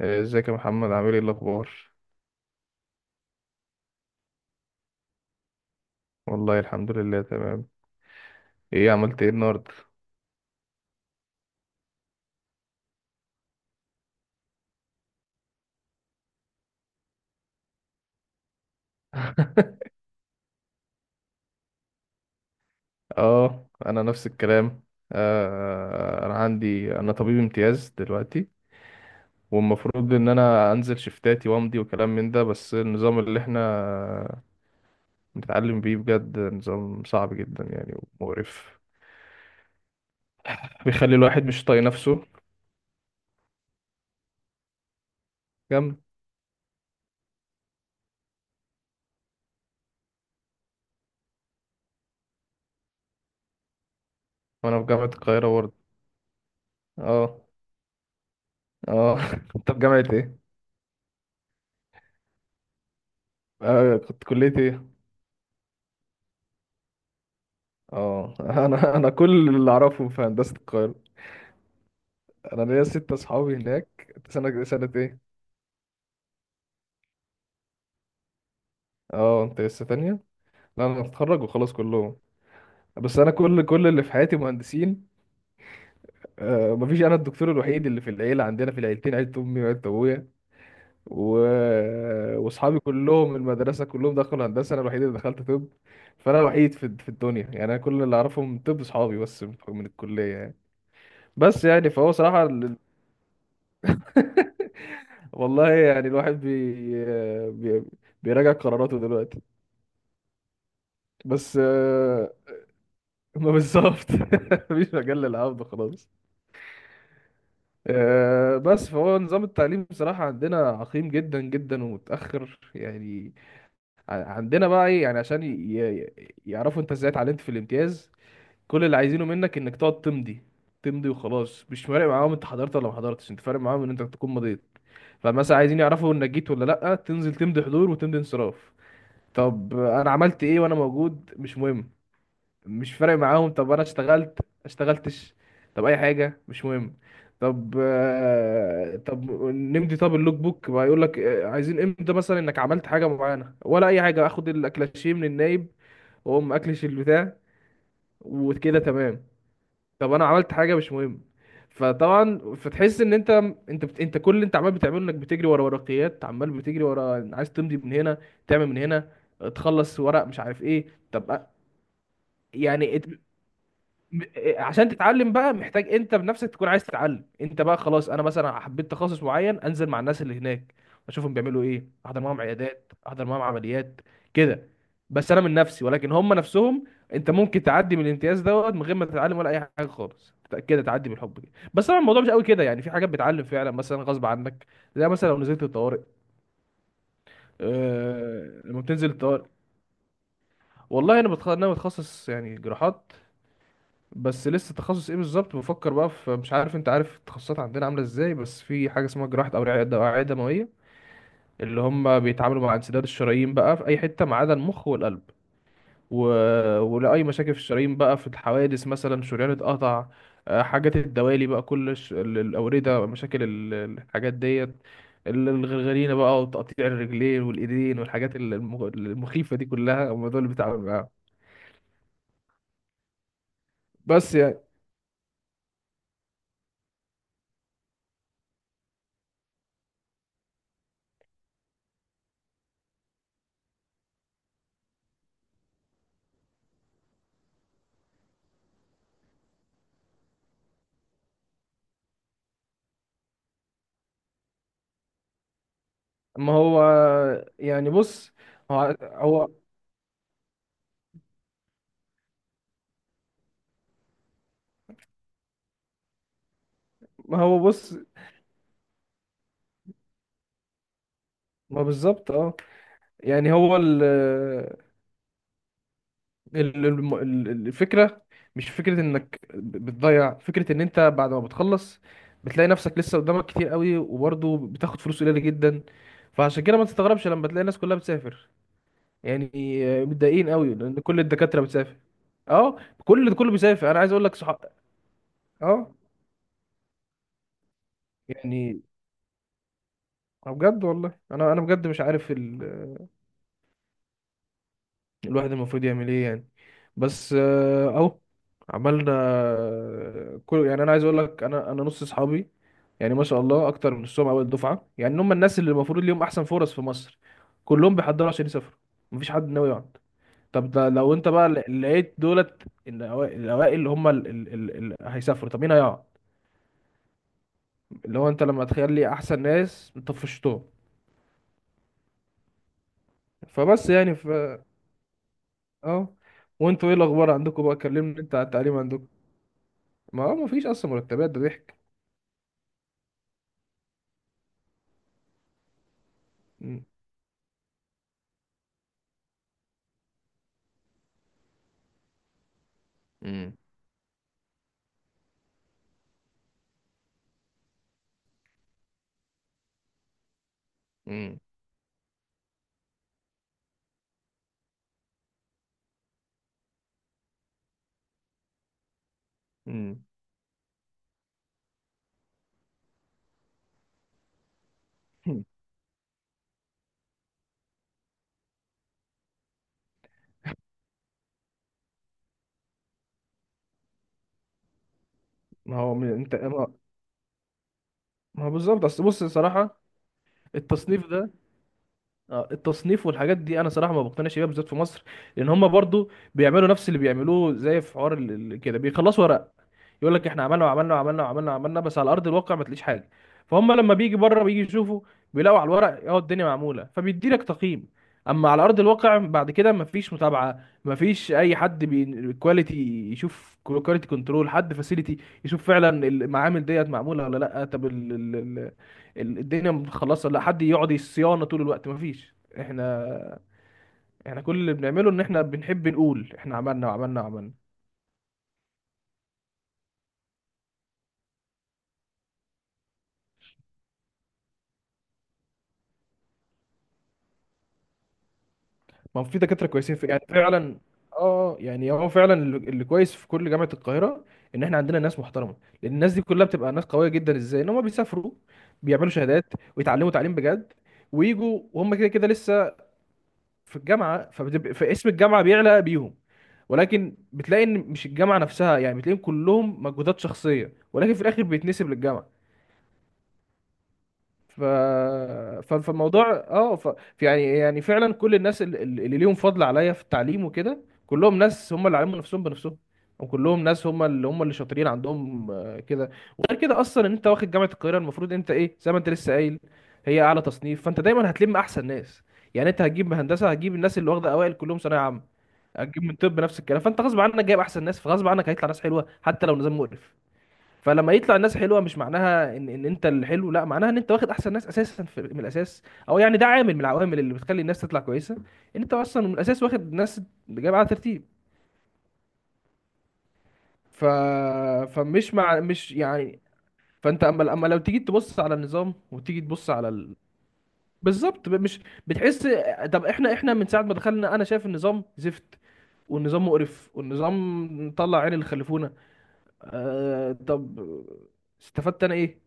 آه، ازيك يا محمد؟ عامل ايه الاخبار؟ والله الحمد لله تمام. عملت ايه النهارده؟ اه، انا نفس الكلام. آه، انا طبيب امتياز دلوقتي، والمفروض ان انا انزل شفتاتي وامضي وكلام من ده، بس النظام اللي احنا بنتعلم بيه بجد نظام صعب جدا يعني، ومقرف، بيخلي الواحد مش طايق نفسه. جامد. وانا في جامعة القاهرة برضه. اه، اه. انت في جامعة ايه؟ آه، كنت كلية ايه؟ اه. انا كل اللي اعرفهم في هندسه القاهره. انا ليا ست اصحابي هناك. انت سنه ايه؟ اه، انت لسه تانية. لا انا هتخرج وخلاص. كلهم، بس انا كل اللي في حياتي مهندسين. آه، مفيش، انا الدكتور الوحيد اللي في العيله عندنا، في العيلتين، عيله امي وعيله ابويا. و... واصحابي كلهم من المدرسه كلهم دخلوا هندسه، انا الوحيد اللي دخلت طب. فانا الوحيد في الدنيا، يعني انا كل اللي اعرفهم طب اصحابي بس من الكليه يعني. بس يعني فهو صراحه، والله يعني الواحد بيراجع قراراته دلوقتي. بس آه، ما بالظبط. مفيش مجال للعبد خلاص. آه، بس فهو نظام التعليم بصراحة عندنا عقيم جدا جدا ومتأخر يعني. عندنا بقى ايه؟ يعني عشان يعرفوا انت ازاي اتعلمت في الامتياز، كل اللي عايزينه منك انك تقعد تمضي. تمضي وخلاص، مش فارق معاهم انت حضرت ولا ما حضرتش، انت فارق معاهم ان انت تكون مضيت. فمثلا عايزين يعرفوا انك جيت ولا لا، تنزل تمضي حضور وتمضي انصراف. طب انا عملت ايه وانا موجود؟ مش مهم، مش فارق معاهم. طب انا اشتغلت اشتغلتش، طب اي حاجه، مش مهم. طب آه، طب نمضي، طب اللوك بوك بقى يقول لك آه، عايزين امتى مثلا انك عملت حاجه معينه ولا اي حاجه، اخد الاكلاشيه من النايب، واقوم اكلش البتاع، وكده تمام. طب انا عملت حاجه، مش مهم. فطبعا فتحس ان انت، انت كل اللي انت عمال بتعمله انك بتجري ورا ورقيات، عمال بتجري ورا عايز تمضي من هنا، تعمل من هنا، تخلص ورق مش عارف ايه. طب أ- يعني إيه، عشان تتعلم بقى محتاج انت بنفسك تكون عايز تتعلم انت بقى. خلاص انا مثلا حبيت تخصص معين، انزل مع الناس اللي هناك، اشوفهم بيعملوا ايه، احضر معاهم عيادات، احضر معاهم عمليات، كده. بس انا من نفسي، ولكن هم نفسهم انت ممكن تعدي من الامتياز دوت من غير ما تتعلم ولا اي حاجه خالص، كده تعدي بالحب كده. بس طبعا الموضوع مش قوي كده، يعني في حاجات بتعلم فعلا مثلا غصب عنك، زي مثلا لو نزلت الطوارئ. لما بتنزل الطوارئ، والله انا انا بتخصص يعني جراحات، بس لسه تخصص ايه بالظبط بفكر بقى في، مش عارف انت عارف التخصصات عندنا عامله ازاي، بس في حاجه اسمها جراحه اوعيه، اوعيه دمويه، اللي هم بيتعاملوا مع انسداد الشرايين بقى في اي حته ما عدا المخ والقلب. و... ولاي مشاكل في الشرايين بقى، في الحوادث مثلا شريان اتقطع، آه، حاجات الدوالي بقى، الاورده، مشاكل الحاجات ديت، الغرغرينه بقى، وتقطيع الرجلين والايدين والحاجات المخيفه دي كلها، هم دول اللي بيتعاملوا معاهم. بس يعني، ما هو يعني، بص، هو ما هو بص ما بالظبط، اه، يعني هو الفكرة مش فكرة انك بتضيع، فكرة ان انت بعد ما بتخلص بتلاقي نفسك لسه قدامك كتير قوي، وبرضه بتاخد فلوس قليلة جدا. فعشان كده ما تستغربش لما تلاقي الناس كلها بتسافر، يعني متضايقين قوي لان كل الدكاترة بتسافر. اه، كله بيسافر، انا عايز اقول لك صح، اه يعني. آه بجد، والله انا، انا بجد مش عارف الواحد المفروض يعمل ايه يعني. بس آه، اهو عملنا آه، كل، يعني انا عايز اقول لك، انا نص اصحابي يعني ما شاء الله، اكتر من نصهم اول دفعه، يعني هم الناس اللي المفروض ليهم احسن فرص في مصر، كلهم بيحضروا عشان يسافروا، مفيش حد ناوي يقعد. طب ده لو انت بقى لقيت دولت الاوائل اللي هم اللي هيسافروا، طب مين هيقعد؟ اللي هو انت لما تخلي احسن ناس طفشتهم. فبس يعني ف اه. وانتوا ايه الاخبار عندكم بقى؟ كلمني انت على التعليم عندكم. ما هو مفيش اصلا مرتبات، ده ضحك. مم. امم. امم. مم. مم. ما هو من انت ما ما هو بالظبط، اصل بص صراحه، التصنيف ده، آه، التصنيف والحاجات دي انا صراحه ما بقتنعش بيها بالذات في مصر، لان هم برضو بيعملوا نفس اللي بيعملوه، زي في حوار كده بيخلصوا ورق، يقول لك احنا عملنا وعملنا وعملنا وعملنا وعملنا، بس على ارض الواقع ما تلاقيش حاجه. فهم لما بيجي بره بيجي يشوفوا، بيلاقوا على الورق اه الدنيا معموله، فبيدي لك تقييم. اما على ارض الواقع بعد كده ما فيش متابعه، ما فيش اي حد كواليتي يشوف، كواليتي كنترول، حد فاسيلتي يشوف فعلا المعامل ديت معموله ولا لا، طب الدنيا متخلصه ولا لا، حد يقعد الصيانه طول الوقت، ما فيش. احنا، كل اللي بنعمله ان احنا بنحب نقول احنا عملنا وعملنا وعملنا. ما هو في دكاترة كويسين في، يعني فعلا، اه، آه، يعني هو فعلا اللي كويس في كل جامعة القاهرة ان احنا عندنا ناس محترمة، لان الناس دي كلها بتبقى ناس قوية جدا ازاي ان هم بيسافروا، بيعملوا شهادات ويتعلموا تعليم بجد، ويجوا وهم كده كده لسه في الجامعة، فبتبقى فاسم الجامعة بيعلى بيهم، ولكن بتلاقي ان مش الجامعة نفسها، يعني بتلاقيهم كلهم مجهودات شخصية، ولكن في الاخر بيتنسب للجامعة. ف... فالموضوع اه يعني، فعلا كل الناس اللي ليهم فضل عليا في التعليم وكده كلهم ناس هم اللي علموا نفسهم بنفسهم، وكلهم ناس هم اللي شاطرين عندهم آه، كده. وغير كده اصلا ان انت واخد جامعه القاهره، المفروض انت ايه زي ما انت لسه قايل، هي اعلى تصنيف، فانت دايما هتلم احسن ناس، يعني انت هتجيب هندسه هتجيب الناس اللي واخده اوائل كلهم ثانويه عامه، هتجيب من طب نفس الكلام، فانت غصب عنك جايب احسن ناس، فغصب عنك هيطلع ناس حلوه حتى لو نظام مقرف. فلما يطلع الناس حلوه مش معناها ان انت الحلو، لا معناها ان انت واخد احسن ناس اساسا في، من الاساس. او يعني ده عامل من العوامل اللي بتخلي الناس تطلع كويسه، ان انت اصلا من الاساس واخد ناس جايبه على ترتيب. ف فمش مع مش يعني فانت اما لو تيجي تبص على النظام وتيجي تبص على بالظبط، مش بتحس. طب احنا، احنا من ساعه ما دخلنا انا شايف النظام زفت، والنظام مقرف، والنظام طلع عين اللي خلفونا. آه طب استفدت انا ايه؟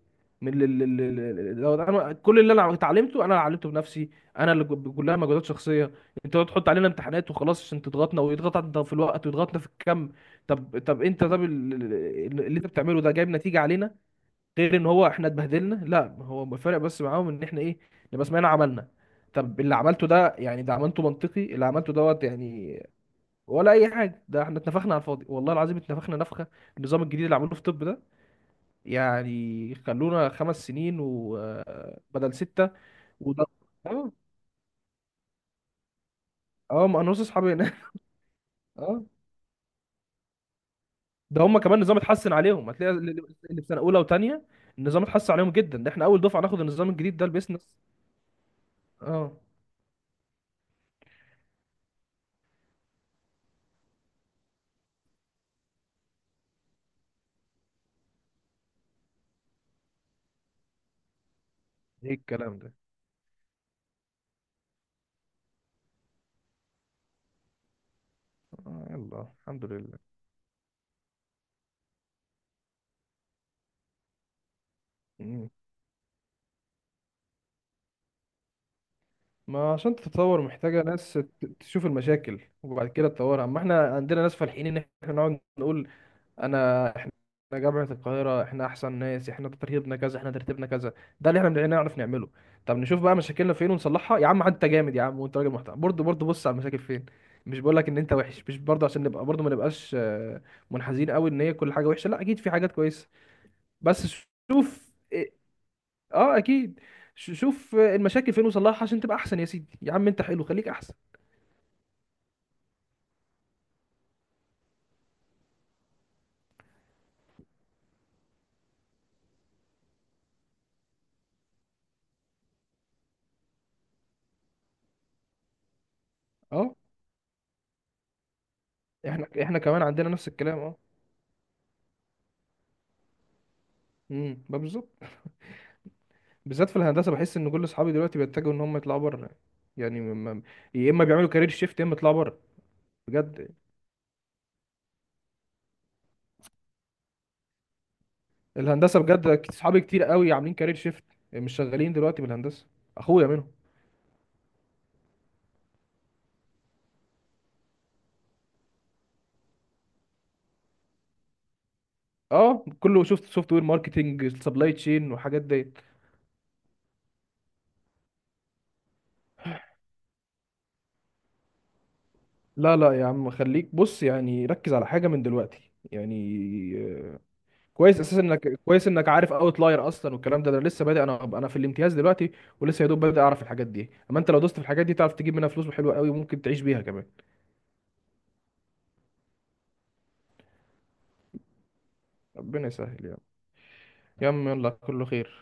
من لو انا كل اللي انا اتعلمته انا اللي علمته بنفسي، انا اللي كلها مجهودات شخصيه. انتوا تحط علينا امتحانات وخلاص عشان تضغطنا ويضغط انت في الوقت ويضغطنا في الكم. طب طب انت طب ال- ال- ال- اللي انت بتعمله ده جايب نتيجه علينا غير ان هو احنا اتبهدلنا؟ لا هو الفرق بس معاهم ان احنا ايه، نبقى سمعنا عملنا. طب اللي عملته ده يعني ده عملته منطقي اللي عملته دوت يعني، ولا اي حاجه؟ ده احنا اتنفخنا على الفاضي، والله العظيم اتنفخنا نفخه. النظام الجديد اللي عملوه في الطب ده، يعني خلونا 5 سنين وبدل 6. وده اه اه، ما انا نص اصحابي هنا. اه، ده هم كمان نظام اتحسن عليهم، هتلاقي اللي في سنه اولى وثانيه النظام اتحسن عليهم جدا، ده احنا اول دفعه ناخد النظام الجديد ده البيزنس. اه. ايه الكلام ده؟ آه، يلا الحمد لله. مم. ما عشان تتطور محتاجه ناس تشوف المشاكل وبعد كده تطورها، اما احنا عندنا ناس فالحين ان احنا نقعد نقول احنا جامعه القاهره، احنا احسن ناس، احنا ترتيبنا كذا، احنا ترتيبنا كذا، ده اللي احنا بنعرف نعمله. طب نشوف بقى مشاكلنا فين ونصلحها يا عم، انت جامد يا عم وانت راجل محترم برضه، برضه بص على المشاكل فين. مش بقول لك ان انت وحش، مش برضه عشان نبقى برضه ما نبقاش آه، منحازين قوي ان هي كل حاجه وحشه، لا اكيد في حاجات كويسه. بس شوف إيه- اه اكيد. شوف آه، المشاكل فين وصلحها عشان تبقى احسن يا سيدي، يا عم انت حلو خليك احسن. اه، احنا كمان عندنا نفس الكلام، اه. امم، بالظبط. بالذات في الهندسه بحس ان كل اصحابي دلوقتي بيتجهوا ان هم يطلعوا بره، يعني يا اما بيعملوا كارير شيفت يا اما يطلعوا بره بجد. الهندسه بجد، اصحابي كتير قوي عاملين كارير شيفت، مش شغالين دلوقتي بالهندسه، اخويا منهم. اه، كله شفت سوفت وير، ماركتنج، سبلاي تشين وحاجات ديت. لا لا يا عم، خليك بص يعني ركز على حاجه من دلوقتي يعني. آه، كويس اساسا انك، كويس انك عارف اوت لاير اصلا والكلام ده، انا لسه بادئ، انا في الامتياز دلوقتي، ولسه يا دوب بادئ اعرف الحاجات دي، اما انت لو دوست في الحاجات دي تعرف تجيب منها فلوس حلوه قوي، وممكن تعيش بيها كمان. ربنا يسهل يا عم، يا عم يلا كله خير.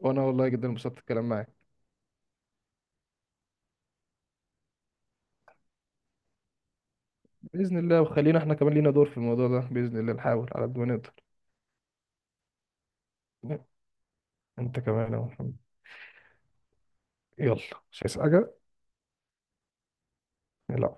وانا والله جدا انبسطت الكلام معاك. باذن الله، وخلينا احنا كمان لينا دور في الموضوع ده باذن الله، نحاول على قد ما نقدر. انت كمان يا محمد. يلا، مش عايز حاجه. يلا.